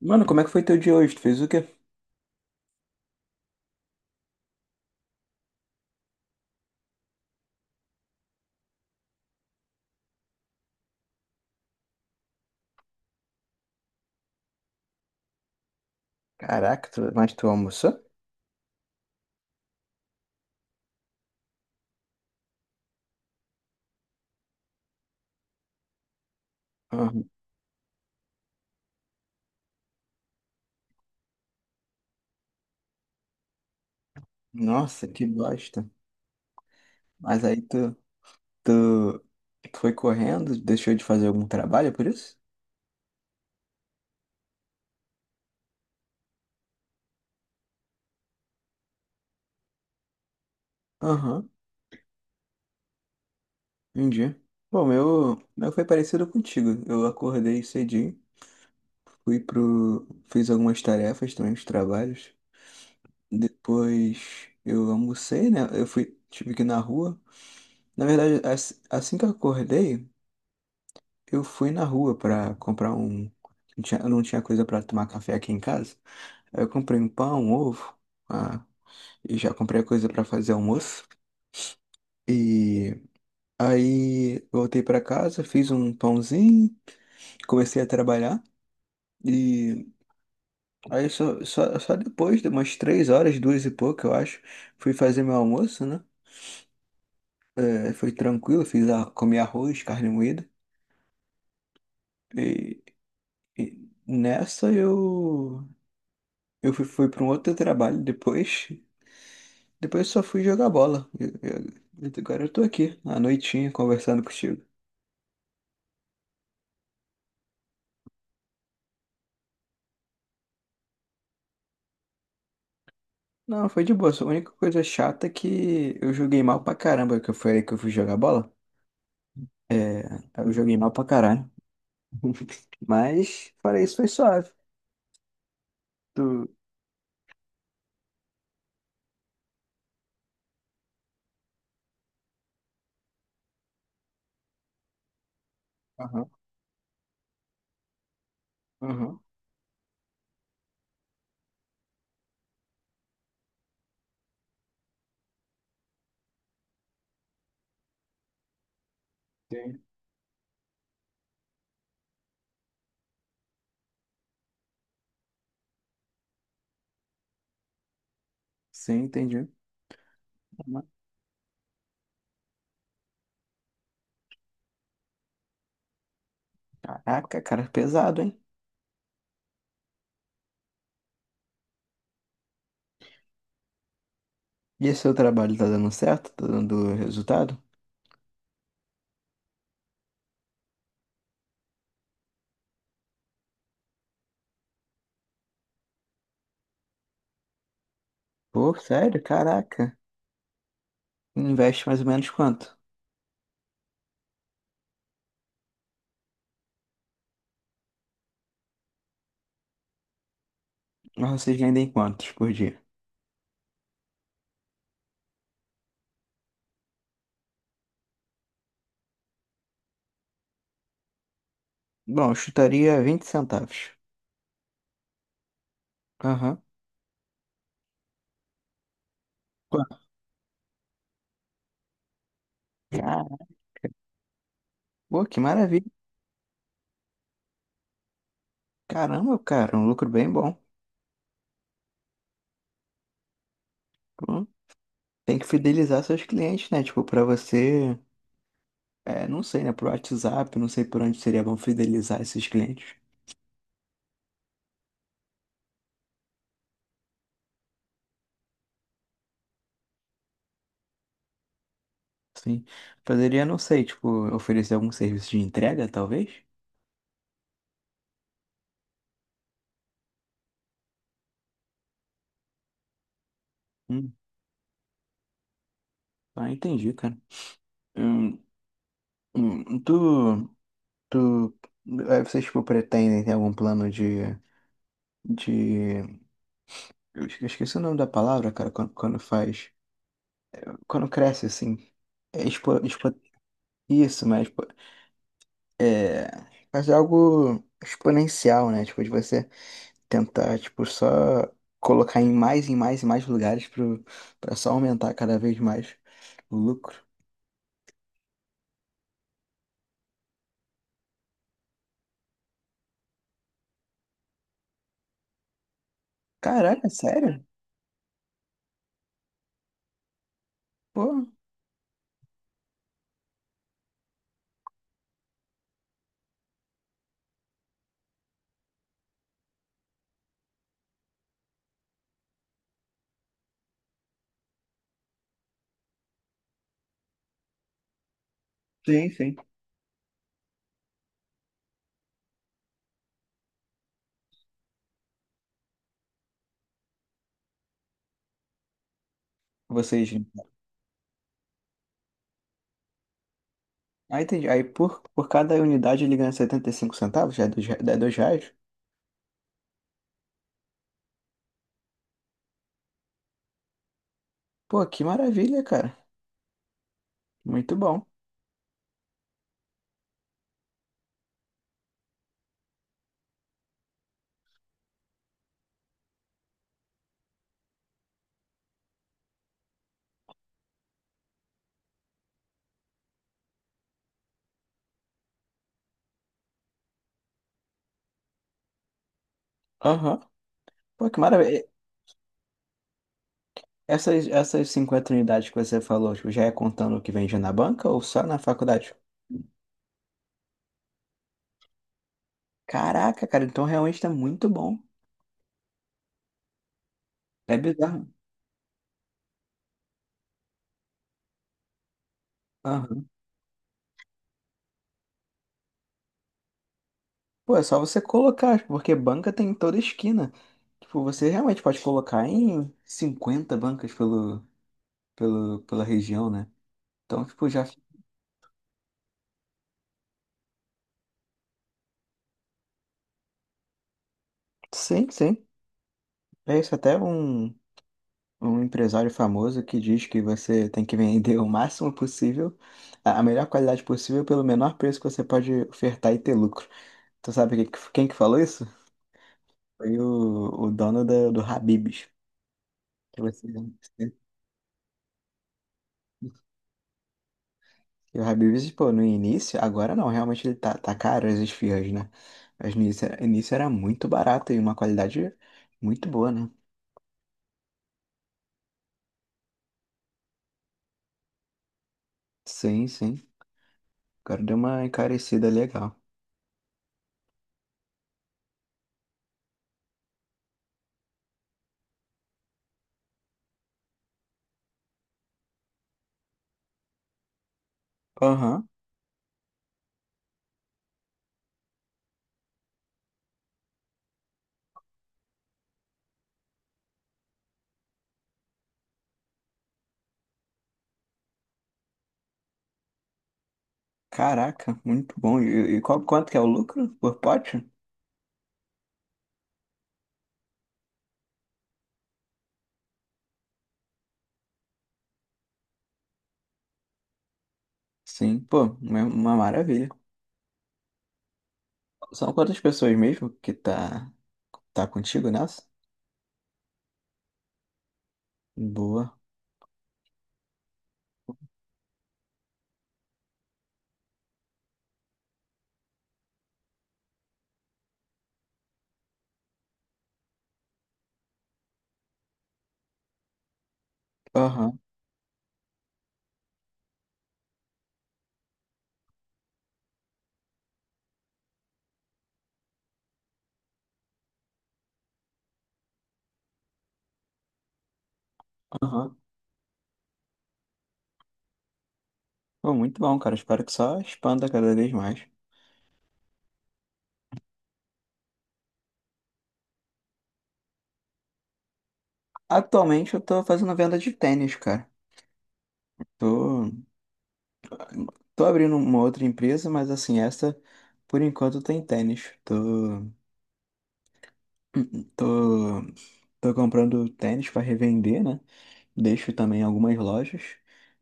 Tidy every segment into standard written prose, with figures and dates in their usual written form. Mano, como é que foi teu dia hoje? Tu fez o quê? Caraca, mas tu almoçou? Ah, nossa, que bosta. Mas aí tu foi correndo, deixou de fazer algum trabalho é por isso? Aham, entendi. Bom, meu foi parecido contigo. Eu acordei cedinho, fui pro, fiz algumas tarefas também, os trabalhos. Depois eu almocei, né? Tive que ir na rua. Na verdade, assim que eu acordei, eu fui na rua pra comprar um. Eu não tinha coisa pra tomar café aqui em casa. Aí eu comprei um pão, um ovo, ah, e já comprei a coisa pra fazer almoço. E aí voltei pra casa, fiz um pãozinho, comecei a trabalhar. E aí só depois de umas 3 horas, duas e pouco, eu acho, fui fazer meu almoço, né? É, foi tranquilo, comi arroz, carne moída. E, e nessa eu fui para um outro trabalho depois. Depois eu só fui jogar bola. Agora eu tô aqui, à noitinha, conversando contigo. Não, foi de boa. Só a única coisa chata é que eu joguei mal pra caramba, que eu falei que eu fui jogar bola. É, eu joguei mal pra caralho. Mas, fora isso, foi suave. Tu... Aham, aham. Sim, sim, entendi. Caraca, cara, pesado, hein? E esse seu trabalho tá dando certo? Tá dando resultado? Pô, sério? Caraca. Investe mais ou menos quanto? Mas vocês vendem quantos por dia? Bom, eu chutaria 20 centavos. Aham. Claro. Cara, pô, que maravilha. Caramba, cara, um lucro bem bom. Pô, tem que fidelizar seus clientes, né? Tipo, pra você, é, não sei, né? Pro WhatsApp, não sei por onde seria bom fidelizar esses clientes. Sim. Poderia, não sei, tipo, oferecer algum serviço de entrega, talvez? Hum, ah, entendi, cara. Hum, hum, tu, tu, vocês, tipo, pretendem ter algum plano de, de, eu esqueci o nome da palavra, cara, quando faz, quando cresce, assim. É, isso, mas é, é algo exponencial, né? Tipo, de você tentar, tipo, só colocar em mais e mais e mais lugares pra só aumentar cada vez mais o lucro. Caraca, sério? Pô, sim, sim. Vocês. Ah, entendi. Aí por cada unidade ele ganha 75 centavos, já é R$ 2. Pô, que maravilha, cara. Muito bom. Aham. Pô, que maravilha. Essas 50 unidades que você falou, tipo, já é contando o que vende na banca ou só na faculdade? Caraca, cara, então realmente tá muito bom. É bizarro. Aham. Pô, é só você colocar, tipo, porque banca tem em toda esquina. Tipo, você realmente pode colocar em 50 bancas pela região, né? Então, tipo, já. Sim, sim. É isso. Até um empresário famoso que diz que você tem que vender o máximo possível, a melhor qualidade possível, pelo menor preço que você pode ofertar e ter lucro. Tu sabe quem que falou isso? Foi o dono do Habib's. Né? Que o Habib's, pô, no início, agora não, realmente ele tá caro as esfirras, né? Mas no início, início era muito barato e uma qualidade muito boa, né? Sim, sim. Agora deu uma encarecida legal. Aham. Caraca, muito bom. E quanto que é o lucro por pote? Sim, pô, uma maravilha. São quantas pessoas mesmo que tá contigo nessa? Boa. Aham, aham. Pô, muito bom, cara. Espero que só expanda cada vez mais. Atualmente eu tô fazendo venda de tênis, cara. Tô, tô abrindo uma outra empresa, mas assim, essa por enquanto tem tênis. Tô, tô comprando tênis pra revender, né? Deixo também algumas lojas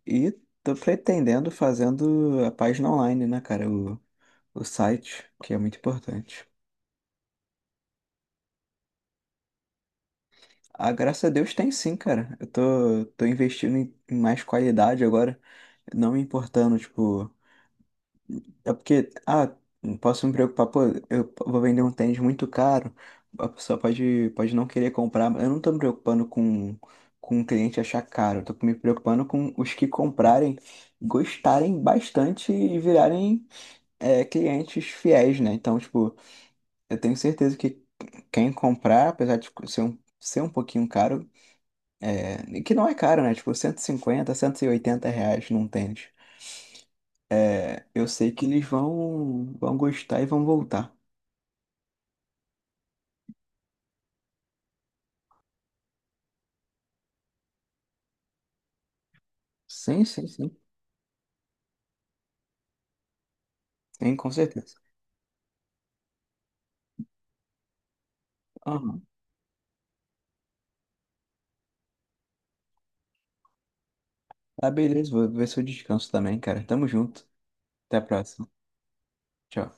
e tô pretendendo fazendo a página online, né, cara? O site, que é muito importante. Ah, graças a Deus tem sim, cara. Eu tô investindo em mais qualidade agora, não me importando, tipo. É porque, não posso me preocupar, pô, eu vou vender um tênis muito caro, a pessoa pode não querer comprar. Eu não tô me preocupando com o cliente achar caro, eu tô me preocupando com os que comprarem, gostarem bastante e virarem, clientes fiéis, né? Então, tipo, eu tenho certeza que quem comprar, apesar de ser um pouquinho caro, e que não é caro, né? Tipo, 150, R$ 180 num tênis. É, eu sei que eles vão gostar e vão voltar. Sim, sim, sim. Sim, com certeza. Aham. Ah, beleza. Vou ver se eu descanso também, cara. Tamo junto. Até a próxima. Tchau.